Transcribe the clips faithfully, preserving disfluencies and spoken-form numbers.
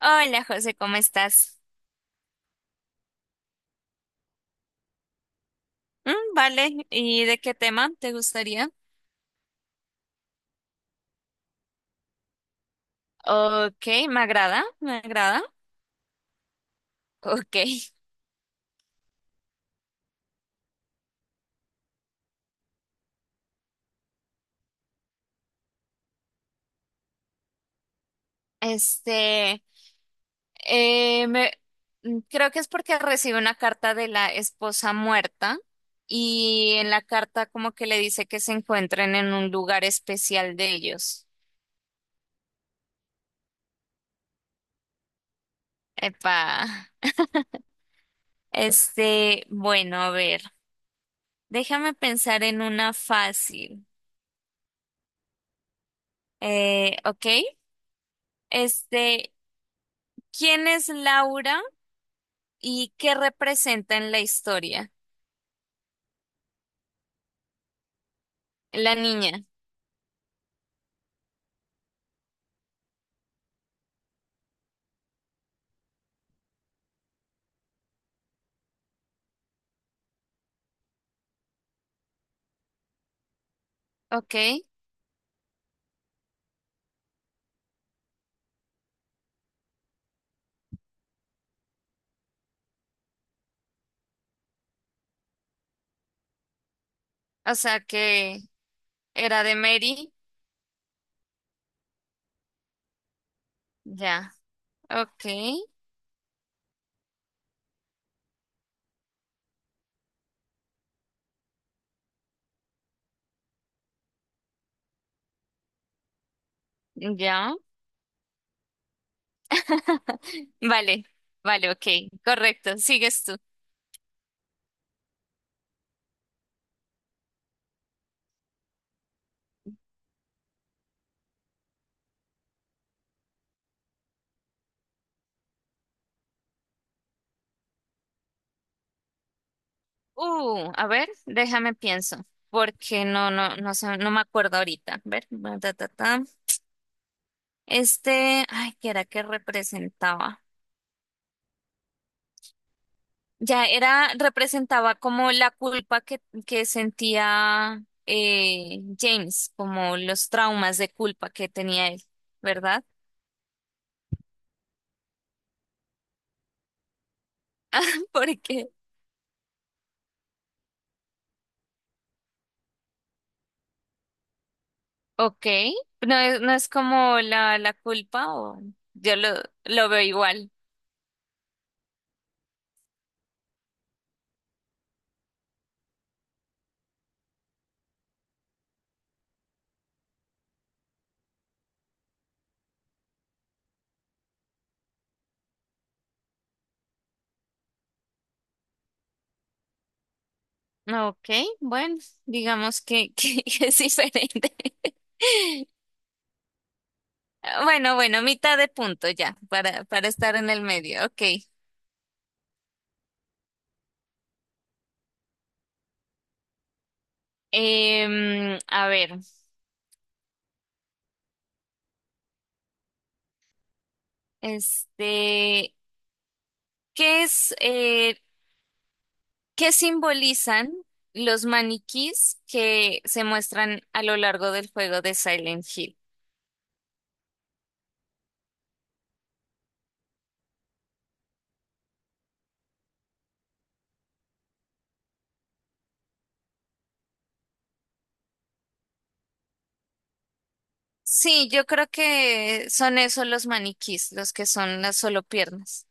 Hola José, ¿cómo estás? Mm, vale, ¿y de qué tema te gustaría? Ok, me agrada, me agrada. Ok, este, eh, me- mm, creo que es porque recibe una carta de la esposa muerta y en la carta como que le dice que se encuentren en un lugar especial de ellos. Epa, este, bueno, a ver, déjame pensar en una fácil. Eh, ok. Este, ¿quién es Laura y qué representa en la historia? La niña, ok. O sea que era de Mary, ya, ok, ya. Vale, vale, ok, correcto, sigues tú. Uh, a ver, déjame pienso, porque no, no, no sé, no me acuerdo ahorita. A ver, ta, ta, ta. Este, ay, ¿qué era que representaba? Ya era, representaba como la culpa que, que sentía eh, James, como los traumas de culpa que tenía él, ¿verdad? Porque, ok, no es, no es como la, la culpa o yo lo, lo veo igual. Ok, bueno, digamos que, que es diferente. Bueno, bueno, mitad de punto ya, para, para estar en el medio, ok. Em, a ver, este... ¿Qué es, eh, qué simbolizan los maniquís que se muestran a lo largo del juego de Silent Hill? Sí, yo creo que son esos los maniquís, los que son las solo piernas.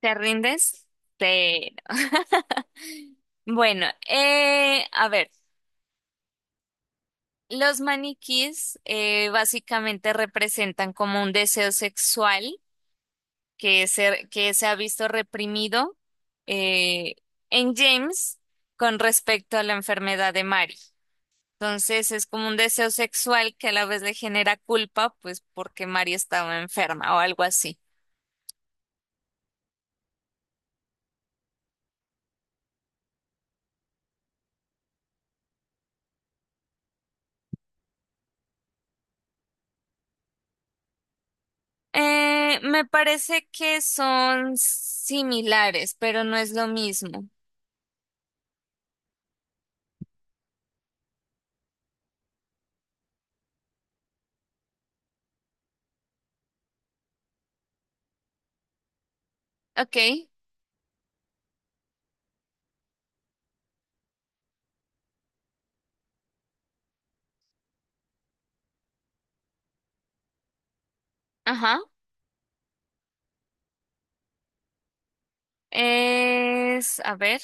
¿Te rindes? Pero. Bueno, eh, a ver, los maniquís eh, básicamente representan como un deseo sexual que se, que se ha visto reprimido eh, en James con respecto a la enfermedad de Mary. Entonces es como un deseo sexual que a la vez le genera culpa, pues porque Mary estaba enferma o algo así. Eh, me parece que son similares, pero no es lo mismo. Ok, ajá. Es, a ver,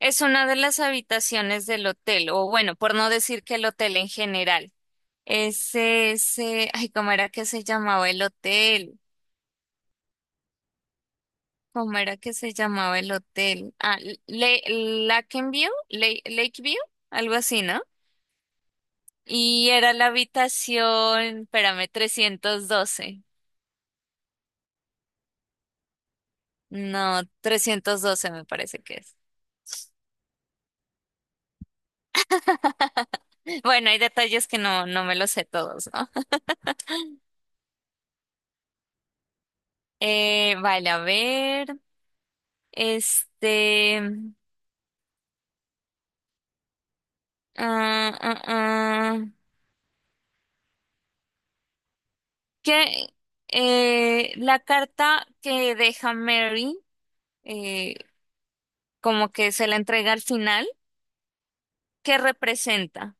es una de las habitaciones del hotel, o bueno, por no decir que el hotel en general. Ese, ese, ay, ¿cómo era que se llamaba el hotel? ¿Cómo era que se llamaba el hotel? Ah, Le Lakenview, Le- Lakeview, algo así, ¿no? Y era la habitación, espérame, trescientos doce. No, trescientos doce me parece que es. Bueno, hay detalles que no, no me los sé todos, ¿no? Eh, vale, a ver, este, ah, ah, ah. que eh, la carta que deja Mary, eh, como que se la entrega al final, ¿qué representa?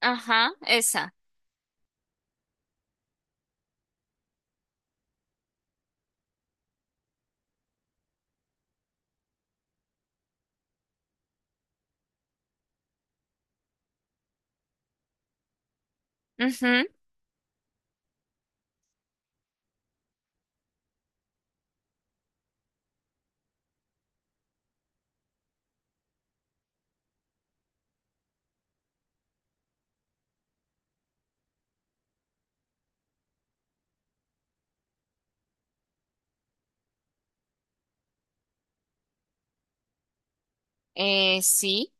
Ajá, esa. Ujú. Eh, sí.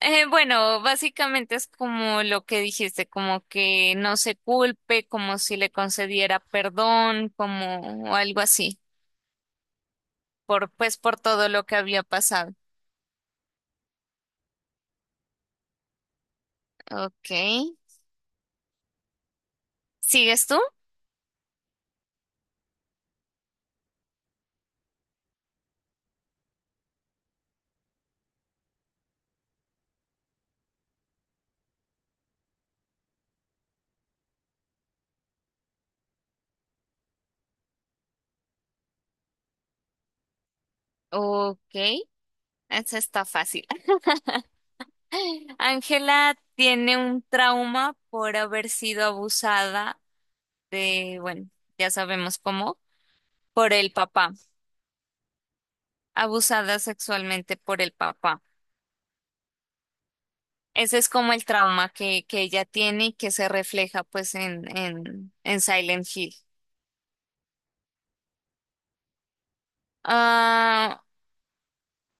Eh, bueno, básicamente es como lo que dijiste, como que no se culpe, como si le concediera perdón, como o algo así, por pues por todo lo que había pasado. Ok. ¿Sigues tú? Ok. Esa está fácil. Ángela tiene un trauma por haber sido abusada de, bueno, ya sabemos cómo, por el papá, abusada sexualmente por el papá. Ese es como el trauma que, que ella tiene y que se refleja pues en, en, en Silent Hill. Ah,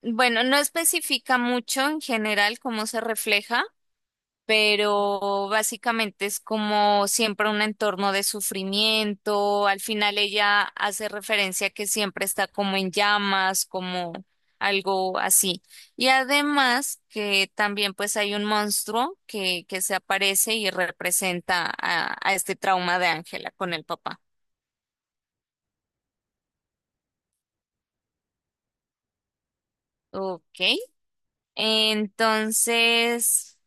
bueno, no especifica mucho en general cómo se refleja, pero básicamente es como siempre un entorno de sufrimiento. Al final ella hace referencia a que siempre está como en llamas, como algo así. Y además que también pues hay un monstruo que, que se aparece y representa a, a este trauma de Ángela con el papá. Ok, entonces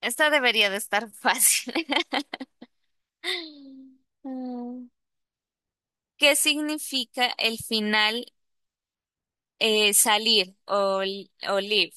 esta debería de estar fácil. Mm. ¿Qué significa el final? Eh, salir o, li- o live.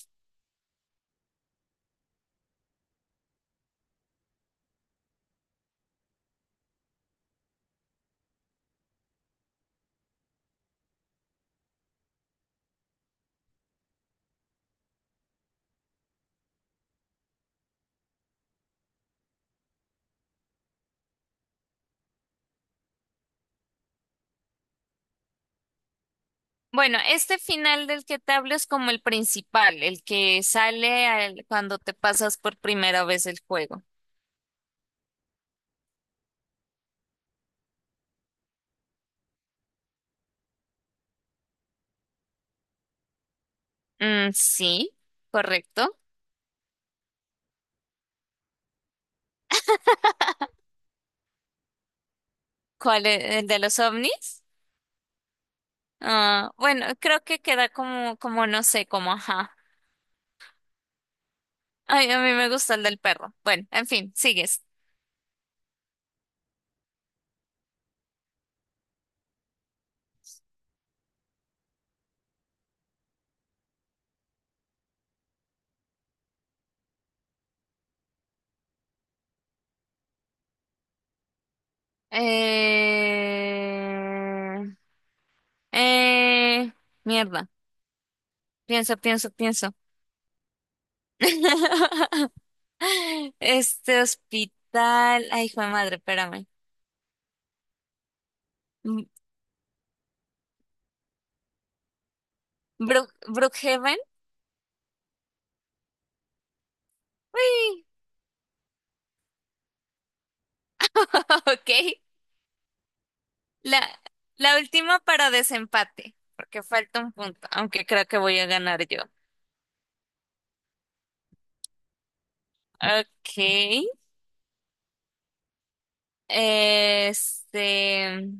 Bueno, este final del que te hablo es como el principal, el que sale al- cuando te pasas por primera vez el juego. Mm, sí, correcto. ¿Cuál es el de los ovnis? Ah, bueno, creo que queda como, como no sé, como ajá. Ay, a mí me gusta el del perro. Bueno, en fin, sigues. Eh, eh, mierda. Pienso, pienso, pienso. Este hospital. Ay, hijo de madre, espérame. Mm, Brook- Brookhaven. Uy, ok. La, la última para desempate, porque falta un punto, aunque creo que voy a ganar yo. Ok. Este.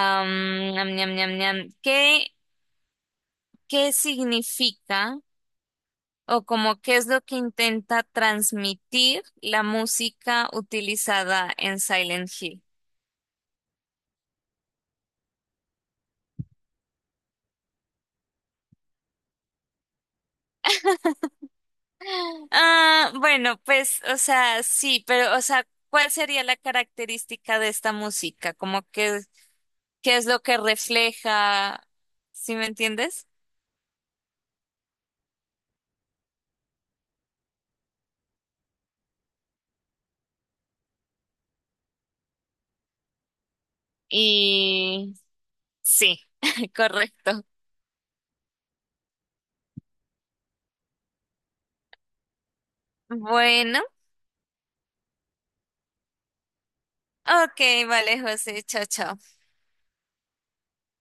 Am, ñam, ñam, ñam, ñam. ¿Qué, qué significa o como qué es lo que intenta transmitir la música utilizada en Silent Hill? Ah, bueno, pues, o sea, sí, pero, o sea, ¿cuál sería la característica de esta música? Como que, ¿qué es lo que refleja? ¿Sí me entiendes? Y sí, correcto. Bueno, ok, vale, José, chao, chao.